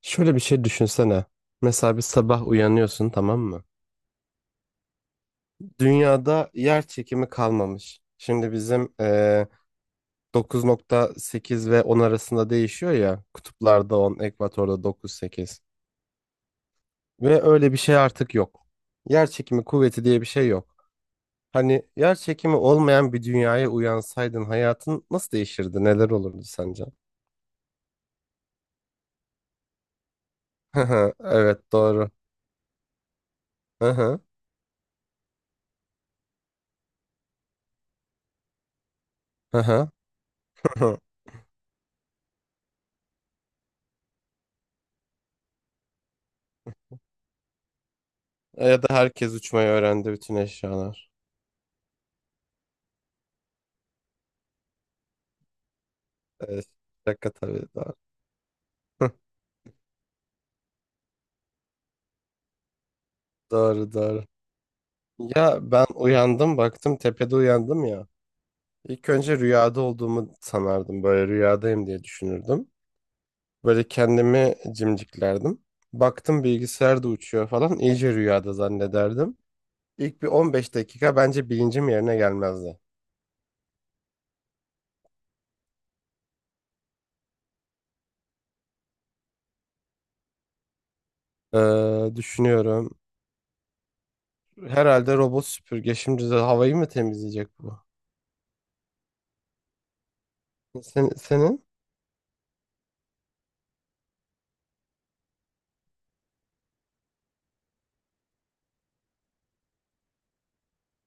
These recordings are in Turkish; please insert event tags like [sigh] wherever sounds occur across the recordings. Şöyle bir şey düşünsene. Mesela bir sabah uyanıyorsun, tamam mı? Dünyada yer çekimi kalmamış. Şimdi bizim 9,8 ve 10 arasında değişiyor ya. Kutuplarda 10, ekvatorda 9,8. Ve öyle bir şey artık yok. Yer çekimi kuvveti diye bir şey yok. Hani yer çekimi olmayan bir dünyaya uyansaydın hayatın nasıl değişirdi? Neler olurdu sence? [laughs] Evet, doğru. Hı hı. Hı hı. [laughs] Ya da herkes uçmayı öğrendi, bütün eşyalar. Evet, şaka tabii, doğru. [laughs] Doğru, doğru. Ya ben uyandım baktım tepede uyandım ya. İlk önce rüyada olduğumu sanardım, böyle rüyadayım diye düşünürdüm. Böyle kendimi cimciklerdim. Baktım bilgisayar da uçuyor falan, iyice rüyada zannederdim. İlk bir 15 dakika bence bilincim yerine gelmezdi. Düşünüyorum. Herhalde robot süpürge şimdi de havayı mı temizleyecek bu? Senin?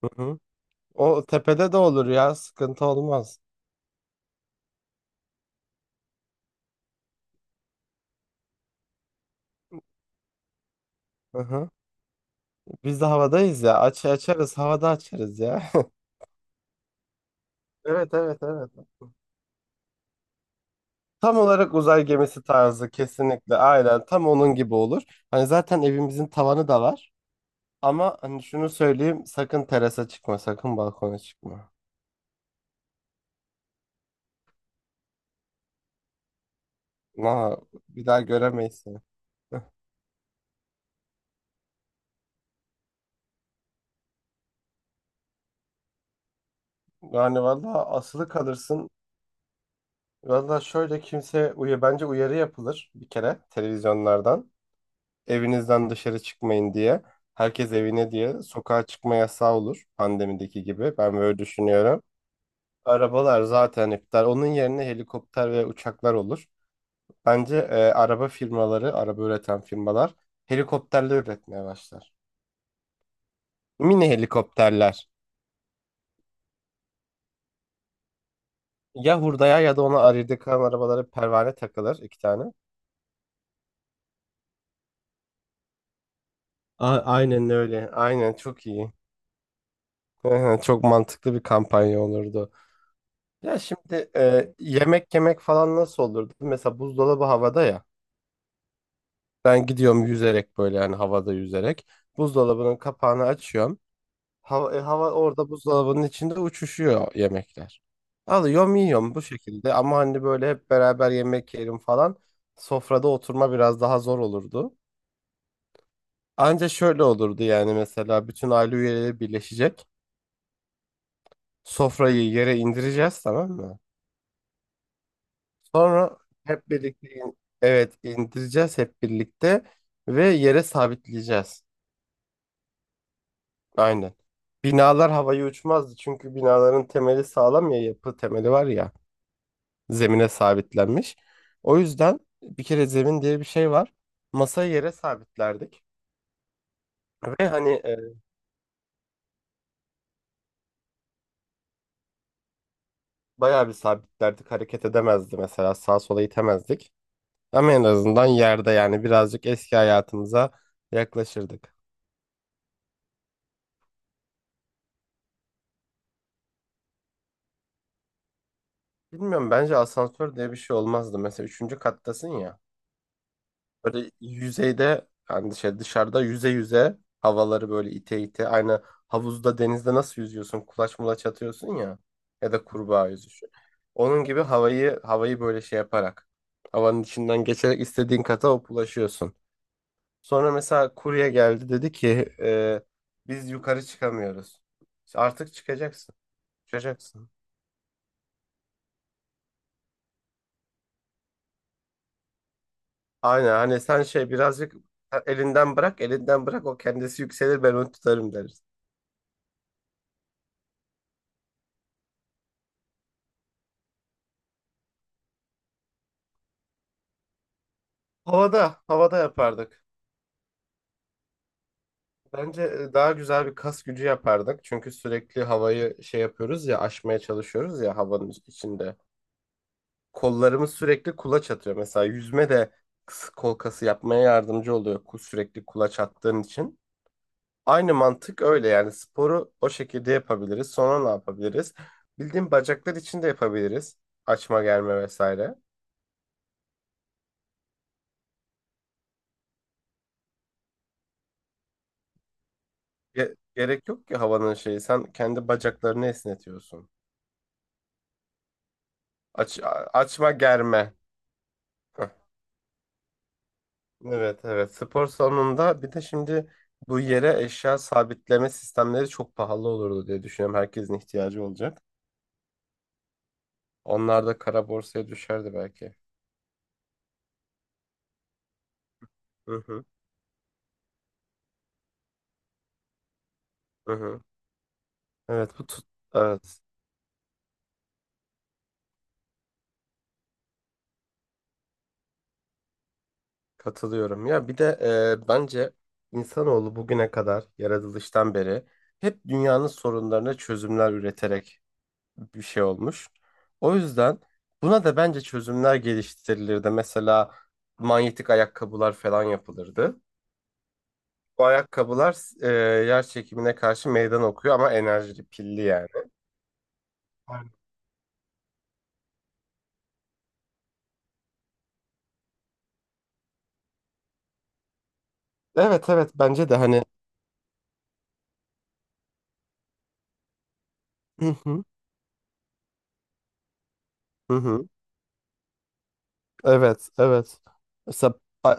Hı hı. O tepede de olur ya, sıkıntı olmaz. Hı hı. Biz de havadayız ya. Aç açarız, havada açarız ya. [laughs] Evet, evet, evet. Tam olarak uzay gemisi tarzı, kesinlikle aynen tam onun gibi olur. Hani zaten evimizin tavanı da var. Ama hani şunu söyleyeyim, sakın terasa çıkma, sakın balkona çıkma. Ma, Bir daha göremeyiz seni. Yani valla asılı kalırsın. Valla şöyle, kimse uyu bence uyarı yapılır bir kere televizyonlardan. Evinizden dışarı çıkmayın diye. Herkes evine diye sokağa çıkma yasağı olur, pandemideki gibi. Ben böyle düşünüyorum. Arabalar zaten iptal. Onun yerine helikopter ve uçaklar olur. Bence araba firmaları, araba üreten firmalar helikopterle üretmeye başlar. Mini helikopterler. Ya hurdaya ya da ona aride kalan arabalara pervane takılır, iki tane. Aynen öyle. Aynen çok iyi. [laughs] Çok mantıklı bir kampanya olurdu. Ya şimdi yemek yemek falan nasıl olurdu? Mesela buzdolabı havada ya. Ben gidiyorum yüzerek, böyle yani havada yüzerek. Buzdolabının kapağını açıyorum. Hava orada, buzdolabının içinde uçuşuyor yemekler. Alıyorum yiyorum bu şekilde, ama hani böyle hep beraber yemek yerim falan. Sofrada oturma biraz daha zor olurdu. Anca şöyle olurdu yani, mesela bütün aile üyeleri birleşecek. Sofrayı yere indireceğiz, tamam mı? Sonra hep birlikte evet, indireceğiz hep birlikte ve yere sabitleyeceğiz. Aynen. Binalar havaya uçmazdı, çünkü binaların temeli sağlam ya, yapı temeli var ya, zemine sabitlenmiş. O yüzden bir kere zemin diye bir şey var. Masayı yere sabitlerdik ve hani, bayağı bir sabitlerdik, hareket edemezdi, mesela sağa sola itemezdik. Ama en azından yerde, yani birazcık eski hayatımıza yaklaşırdık. Bilmiyorum, bence asansör diye bir şey olmazdı. Mesela üçüncü kattasın ya. Böyle yüzeyde, yani şey, dışarıda yüze yüze, havaları böyle ite ite. Aynı havuzda, denizde nasıl yüzüyorsun? Kulaç mulaç atıyorsun ya. Ya da kurbağa yüzüşü. Onun gibi havayı havayı böyle şey yaparak, havanın içinden geçerek istediğin kata hop ulaşıyorsun. Sonra mesela kurye geldi, dedi ki e, biz yukarı çıkamıyoruz. İşte artık çıkacaksın. Çıkacaksın. Aynen, hani sen şey, birazcık elinden bırak, elinden bırak, o kendisi yükselir, ben onu tutarım deriz. Havada havada yapardık. Bence daha güzel bir kas gücü yapardık. Çünkü sürekli havayı şey yapıyoruz ya, aşmaya çalışıyoruz ya havanın içinde. Kollarımız sürekli kulaç atıyor. Mesela yüzme de kol kası yapmaya yardımcı oluyor, sürekli kulaç attığın için. Aynı mantık öyle yani, sporu o şekilde yapabiliriz. Sonra ne yapabiliriz? Bildiğin bacaklar için de yapabiliriz. Açma germe vesaire. Gerek yok ki havanın şeyi. Sen kendi bacaklarını esnetiyorsun. Açma germe. Heh. Evet, evet. Spor salonunda bir de şimdi bu yere eşya sabitleme sistemleri çok pahalı olurdu diye düşünüyorum. Herkesin ihtiyacı olacak. Onlar da kara borsaya düşerdi belki. Hı hı hı. Hı. Evet, bu tut evet, katılıyorum. Ya bir de bence insanoğlu bugüne kadar yaratılıştan beri hep dünyanın sorunlarına çözümler üreterek bir şey olmuş. O yüzden buna da bence çözümler geliştirilirdi. Mesela manyetik ayakkabılar falan yapılırdı. Bu ayakkabılar e, yer çekimine karşı meydan okuyor, ama enerjili, pilli yani. Aynen. Evet, evet, bence de hani. Hı hı. Hı hı. Evet, evet, mesela a-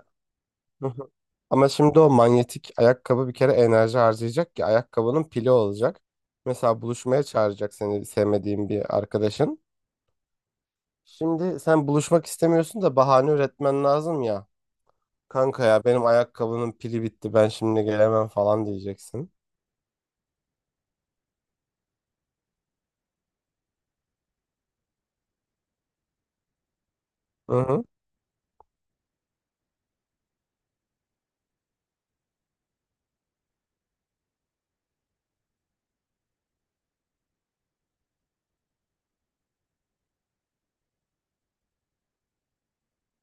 Hı hı. Ama şimdi o manyetik ayakkabı bir kere enerji harcayacak ki, ayakkabının pili olacak. Mesela buluşmaya çağıracak seni sevmediğin bir arkadaşın. Şimdi sen buluşmak istemiyorsun da bahane üretmen lazım ya. Kanka ya, benim ayakkabının pili bitti, ben şimdi gelemem falan diyeceksin. Hı hı.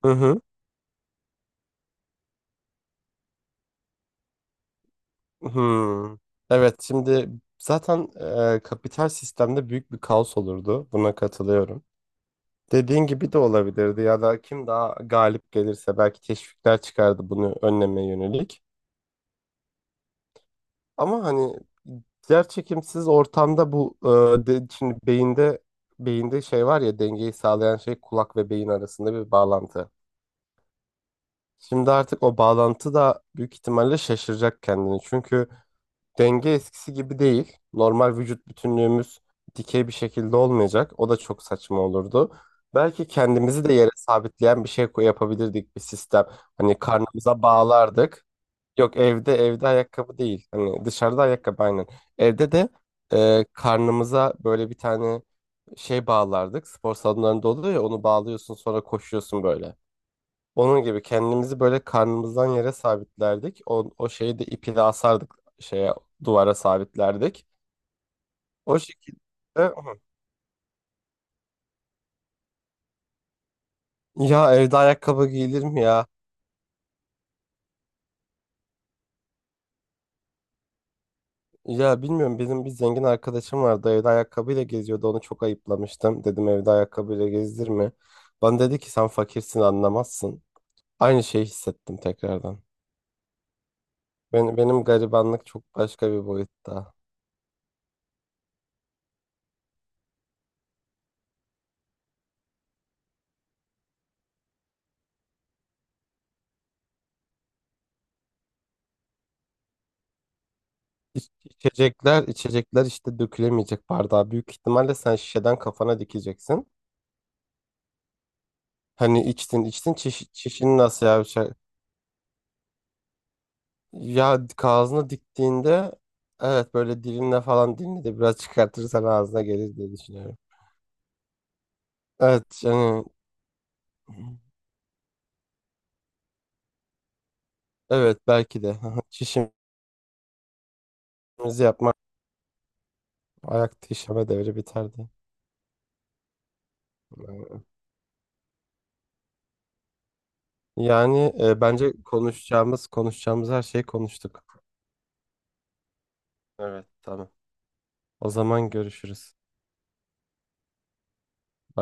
Hı hı. Hı. Evet, şimdi zaten kapital sistemde büyük bir kaos olurdu. Buna katılıyorum. Dediğin gibi de olabilirdi, ya da kim daha galip gelirse belki teşvikler çıkardı bunu önlemeye yönelik. Ama hani yer çekimsiz ortamda bu şimdi beyinde şey var ya, dengeyi sağlayan şey, kulak ve beyin arasında bir bağlantı. Şimdi artık o bağlantı da büyük ihtimalle şaşıracak kendini. Çünkü denge eskisi gibi değil. Normal vücut bütünlüğümüz dikey bir şekilde olmayacak. O da çok saçma olurdu. Belki kendimizi de yere sabitleyen bir şey yapabilirdik, bir sistem. Hani karnımıza bağlardık. Yok, evde ayakkabı değil. Hani dışarıda ayakkabı, aynen. Evde de karnımıza böyle bir tane şey bağlardık. Spor salonlarında oluyor ya, onu bağlıyorsun sonra koşuyorsun böyle. Onun gibi kendimizi böyle karnımızdan yere sabitlerdik. O şeyi de iple asardık, şeye duvara sabitlerdik. O şekilde. Hı. Ya evde ayakkabı giyilir mi ya? Ya bilmiyorum, bizim bir zengin arkadaşım vardı, evde ayakkabıyla geziyordu, onu çok ayıplamıştım. Dedim evde ayakkabıyla gezdirme. Bana dedi ki sen fakirsin, anlamazsın. Aynı şeyi hissettim tekrardan. Benim garibanlık çok başka bir boyutta. İç, içecekler içecekler işte dökülemeyecek bardağa. Büyük ihtimalle sen şişeden kafana dikeceksin. Hani içtin içtin çişini nasıl ya? Ya ağzına diktiğinde, evet, böyle dilinle falan, dilini de biraz [laughs] çıkartırsan ağzına gelir diye düşünüyorum. Evet yani, evet belki de [laughs] çişimizi yapmak, ayakta işeme devri biterdi. Yani bence konuşacağımız her şeyi konuştuk. Evet, tamam. O zaman görüşürüz.